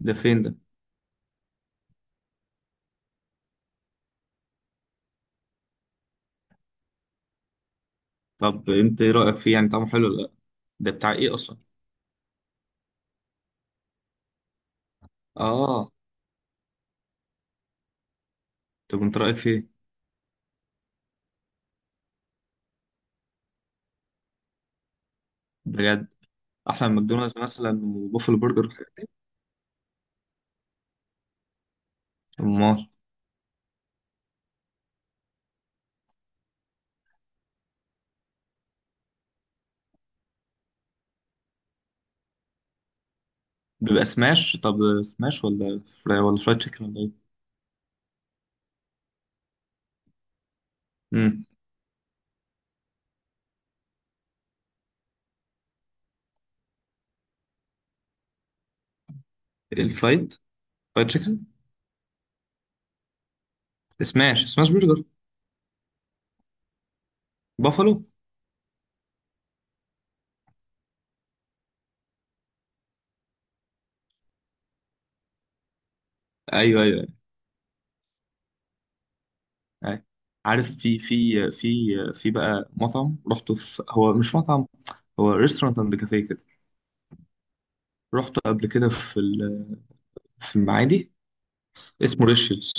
ده فين ده؟ طب انت ايه رأيك فيه؟ يعني طعمه حلو ولا لا؟ ده بتاع ايه اصلا؟ اه. طب انت رأيك فيه؟ بجد؟ احلى من ماكدونالدز مثلا وبوفل برجر والحاجات دي؟ امال. بيبقى سماش طب؟ سماش ولا فراي ولا فرايد تشيكن ولا ايه؟ امم الفرايد. فرايد تشيكن. سماش برجر. بافالو؟ ايوه، ايوه، ايوه. أيوة. عارف، في بقى مطعم رحته، هو مش مطعم، هو ريستورانت اند كافيه كده. رحته قبل كده في في المعادي. اسمه ريشز.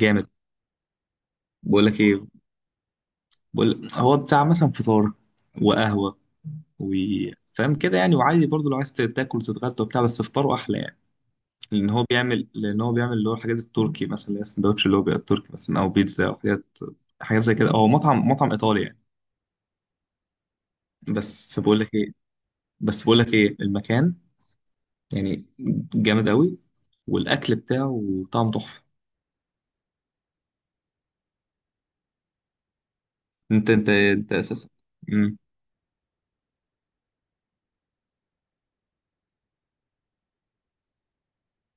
جامد. بقول لك ايه، بقول هو بتاع مثلا فطار وقهوة وفاهم كده يعني. وعادي برضو لو عايز تاكل وتتغدى وبتاع، بس فطاره أحلى يعني. لأن هو بيعمل اللي هو الحاجات التركي مثلا، اللي هي السندوتش اللي هو بيبقى التركي، مثلا أو بيتزا أو حاجات زي كده. هو مطعم إيطالي يعني. بس بقول لك إيه بس بقول لك إيه المكان، يعني جامد قوي، والأكل بتاعه طعم تحفة. أنت أساسا. مم.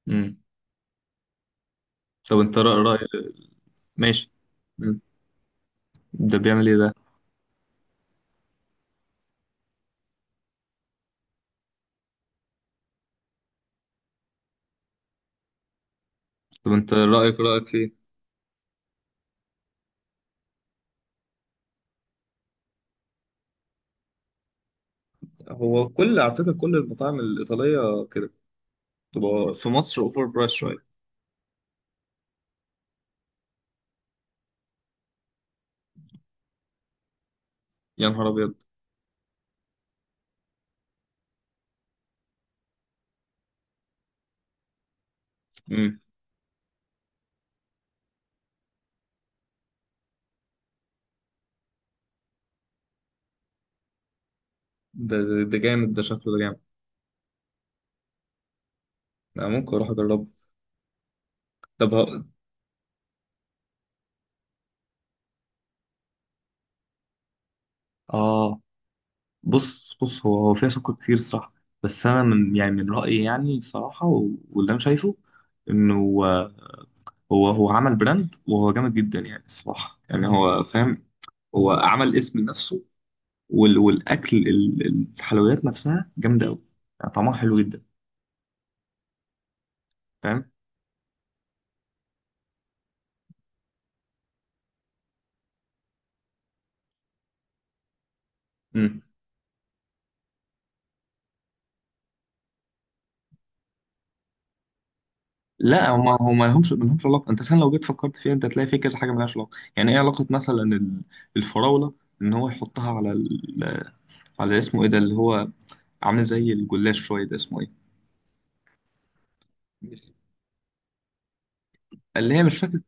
مم. طب أنت رأي. ماشي. مم. ده بيعمل إيه ده؟ طب أنت رأيك فيه؟ هو كل، على فكرة، كل المطاعم الإيطالية كده. تبقى في مصر أوفر برايس شوية. يا نهار أبيض! مم. ده جامد، ده شكله ده جامد. أنا ممكن أروح أجربه. طب ه- اه، بص، بص هو فيها سكر كتير صراحة. بس انا، من رأيي، يعني صراحة، واللي انا شايفه انه هو، هو عمل براند وهو جامد جدا يعني الصراحة، يعني هو فاهم. هو عمل اسم لنفسه. والاكل، الحلويات نفسها جامدة قوي، يعني طعمها حلو جدا. فاهم. لا، هما ملهمش علاقه. انت اصلا لو جيت فكرت فيها انت هتلاقي في كذا حاجه ملهاش علاقه، يعني ايه علاقه مثلا الفراوله ان هو يحطها على ال... على اسمه ايه ده، اللي هو عامل زي الجلاش شويه، ده اسمه ايه؟ اللي هي مش فاكر.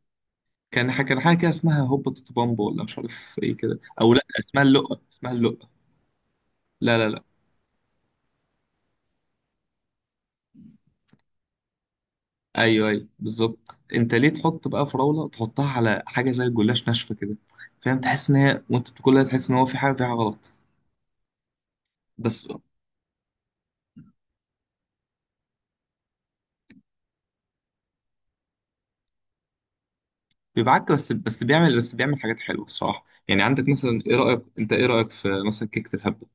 كان حاجه كده اسمها هوبا تيتو بامبا ولا مش عارف ايه كده، او لا اسمها اللقه لا، لا، لا. ايوه، ايوه، بالظبط. انت ليه تحط بقى فراوله تحطها على حاجه زي الجلاش ناشفه كده؟ فاهم، تحس ان هي وانت بتاكلها تحس ان هو في حاجه فيها غلط. بس بيبعك، بس بيعمل حاجات حلوه الصراحه. يعني عندك مثلا، ايه رايك انت ايه رايك في مثلا كيكه الهبه.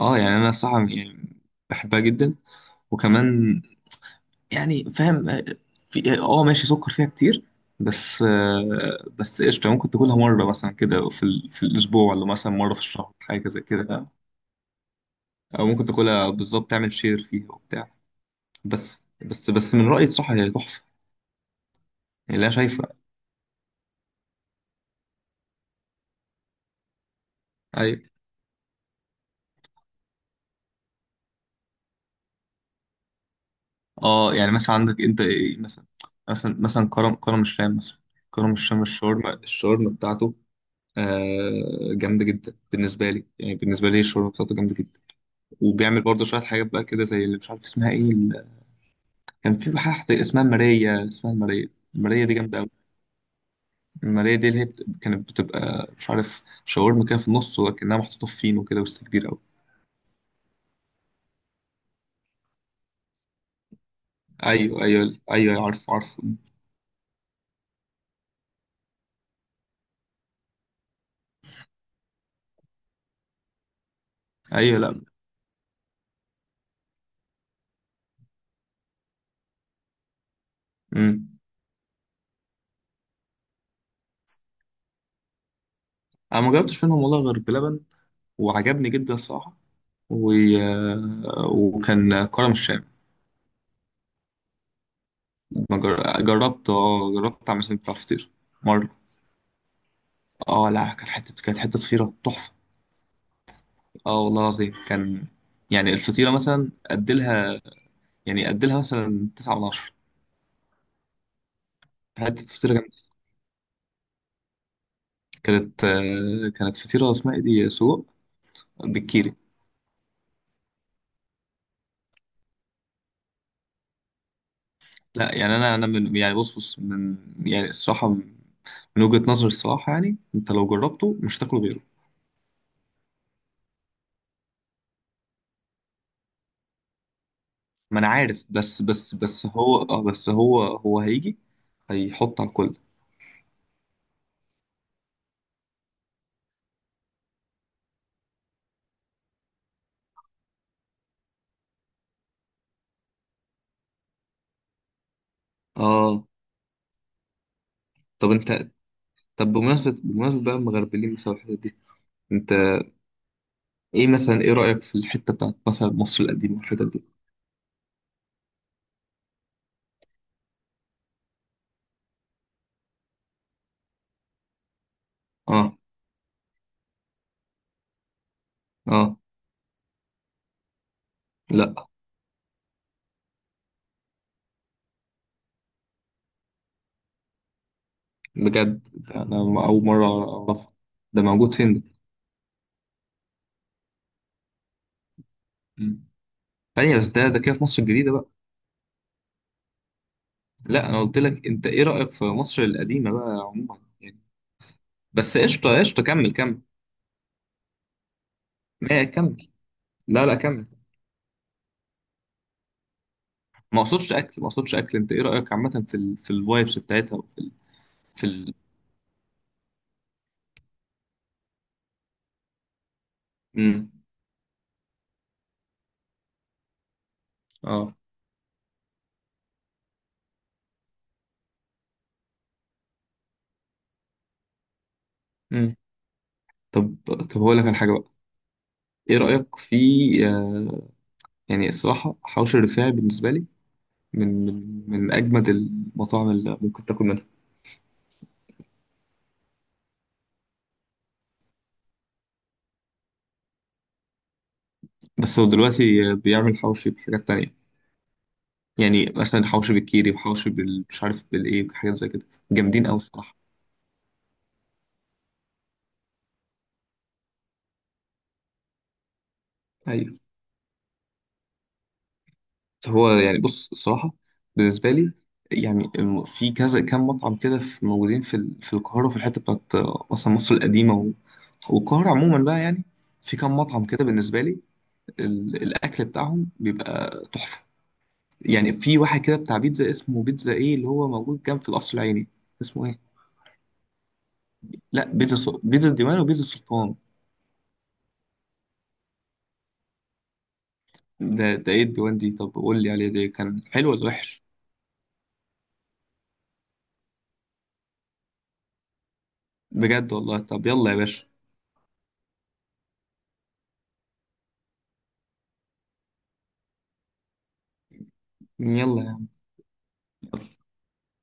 اه، يعني انا الصراحه يعني بحبها جدا. وكمان، يعني فاهم. في، ماشي سكر فيها كتير، بس قشطه ممكن تاكلها مره مثلا كده، في الاسبوع ولا مثلا مره في الشهر، حاجه زي كده فاهم؟ او ممكن تاكلها بالظبط، تعمل شير فيها وبتاع. بس من رايي الصراحه هي تحفه، يعني. لا شايفه. ايوه. اه، يعني مثلا عندك انت ايه مثلا كرم الشام مثلا. كرم الشام الشاورما بتاعته آه جامده جدا بالنسبه لي. يعني بالنسبه لي الشاورما بتاعته جامده جدا. وبيعمل برضه شويه حاجات بقى كده زي اللي مش عارف اسمها ايه، كان في حاجه اسمها الماريه الماريه دي جامده قوي. الماريه دي اللي هي كانت بتبقى مش عارف شاورما كده في النص ولكنها محطوطه في فينو كده، بس كبير قوي. ايوه، ايوه، ايوه. عارف، عارف. ايوه. لا. امم. انا ما جربتش منهم والله غير بلبن، وعجبني جدا الصراحه. و... وكان كرم الشام. ما جر- جربت اعمل سمك بتاع الفطير مره. اه، لا، كانت حته فطيره تحفه. اه والله العظيم كان، يعني الفطيره مثلا اديلها، اديلها مثلا 9 من 10. حته فطيره جامده. كانت فطيره اسمها ايه دي، سجق بالكيري. لا يعني انا من، يعني، بص من، يعني الصراحه، من وجهه نظري الصراحه، يعني انت لو جربته مش هتاكل غيره. ما انا عارف، بس هو هيجي هيحط على الكل. اه. طب انت. طب بمناسبة بقى المغربلين مثلا الحتت دي، انت ايه رأيك في الحتة بتاعت مثلا مصر القديمة والحتت دي؟ اه. اه. لا. بجد، ده انا اول مرة اعرفها. ده موجود فين ده؟ مم. ثانية بس، ده كده في مصر الجديدة بقى؟ لا، انا قلت لك انت ايه رأيك في مصر القديمة بقى عموما يعني. بس قشطة، قشطة، كمل، كمل. ما كمل. لا، لا، كمل. ما اقصدش اكل انت ايه رايك عامه في ال... في الفايبس بتاعتها، وفي ال... في ال... مم. اه، مم. طب طب هقول لك على حاجه بقى، ايه رايك في آه... يعني الصراحه، حوش الرفاعي بالنسبه لي من اجمد المطاعم اللي ممكن تاكل منها. بس هو دلوقتي بيعمل حوشي بحاجات تانية، يعني مثلا حوشي بالكيري وحوشي مش عارف بالايه، وحاجات زي كده جامدين قوي الصراحه. ايوه. هو يعني، بص الصراحة، بالنسبة لي، يعني في كذا كام مطعم كده، في موجودين في القاهرة، وفي الحتة بتاعت مثلا مصر القديمة والقاهرة عموما بقى، يعني في كام مطعم كده بالنسبة لي، الأكل بتاعهم بيبقى تحفة. يعني في واحد كده بتاع بيتزا اسمه بيتزا إيه اللي هو موجود جنب في القصر العيني، اسمه إيه؟ لا، بيتزا الديوان وبيتزا السلطان. ده، ده إيه الديوان دي؟ طب قول لي عليه، ده كان حلو ولا وحش؟ بجد والله. طب يلا يا باشا. يلا.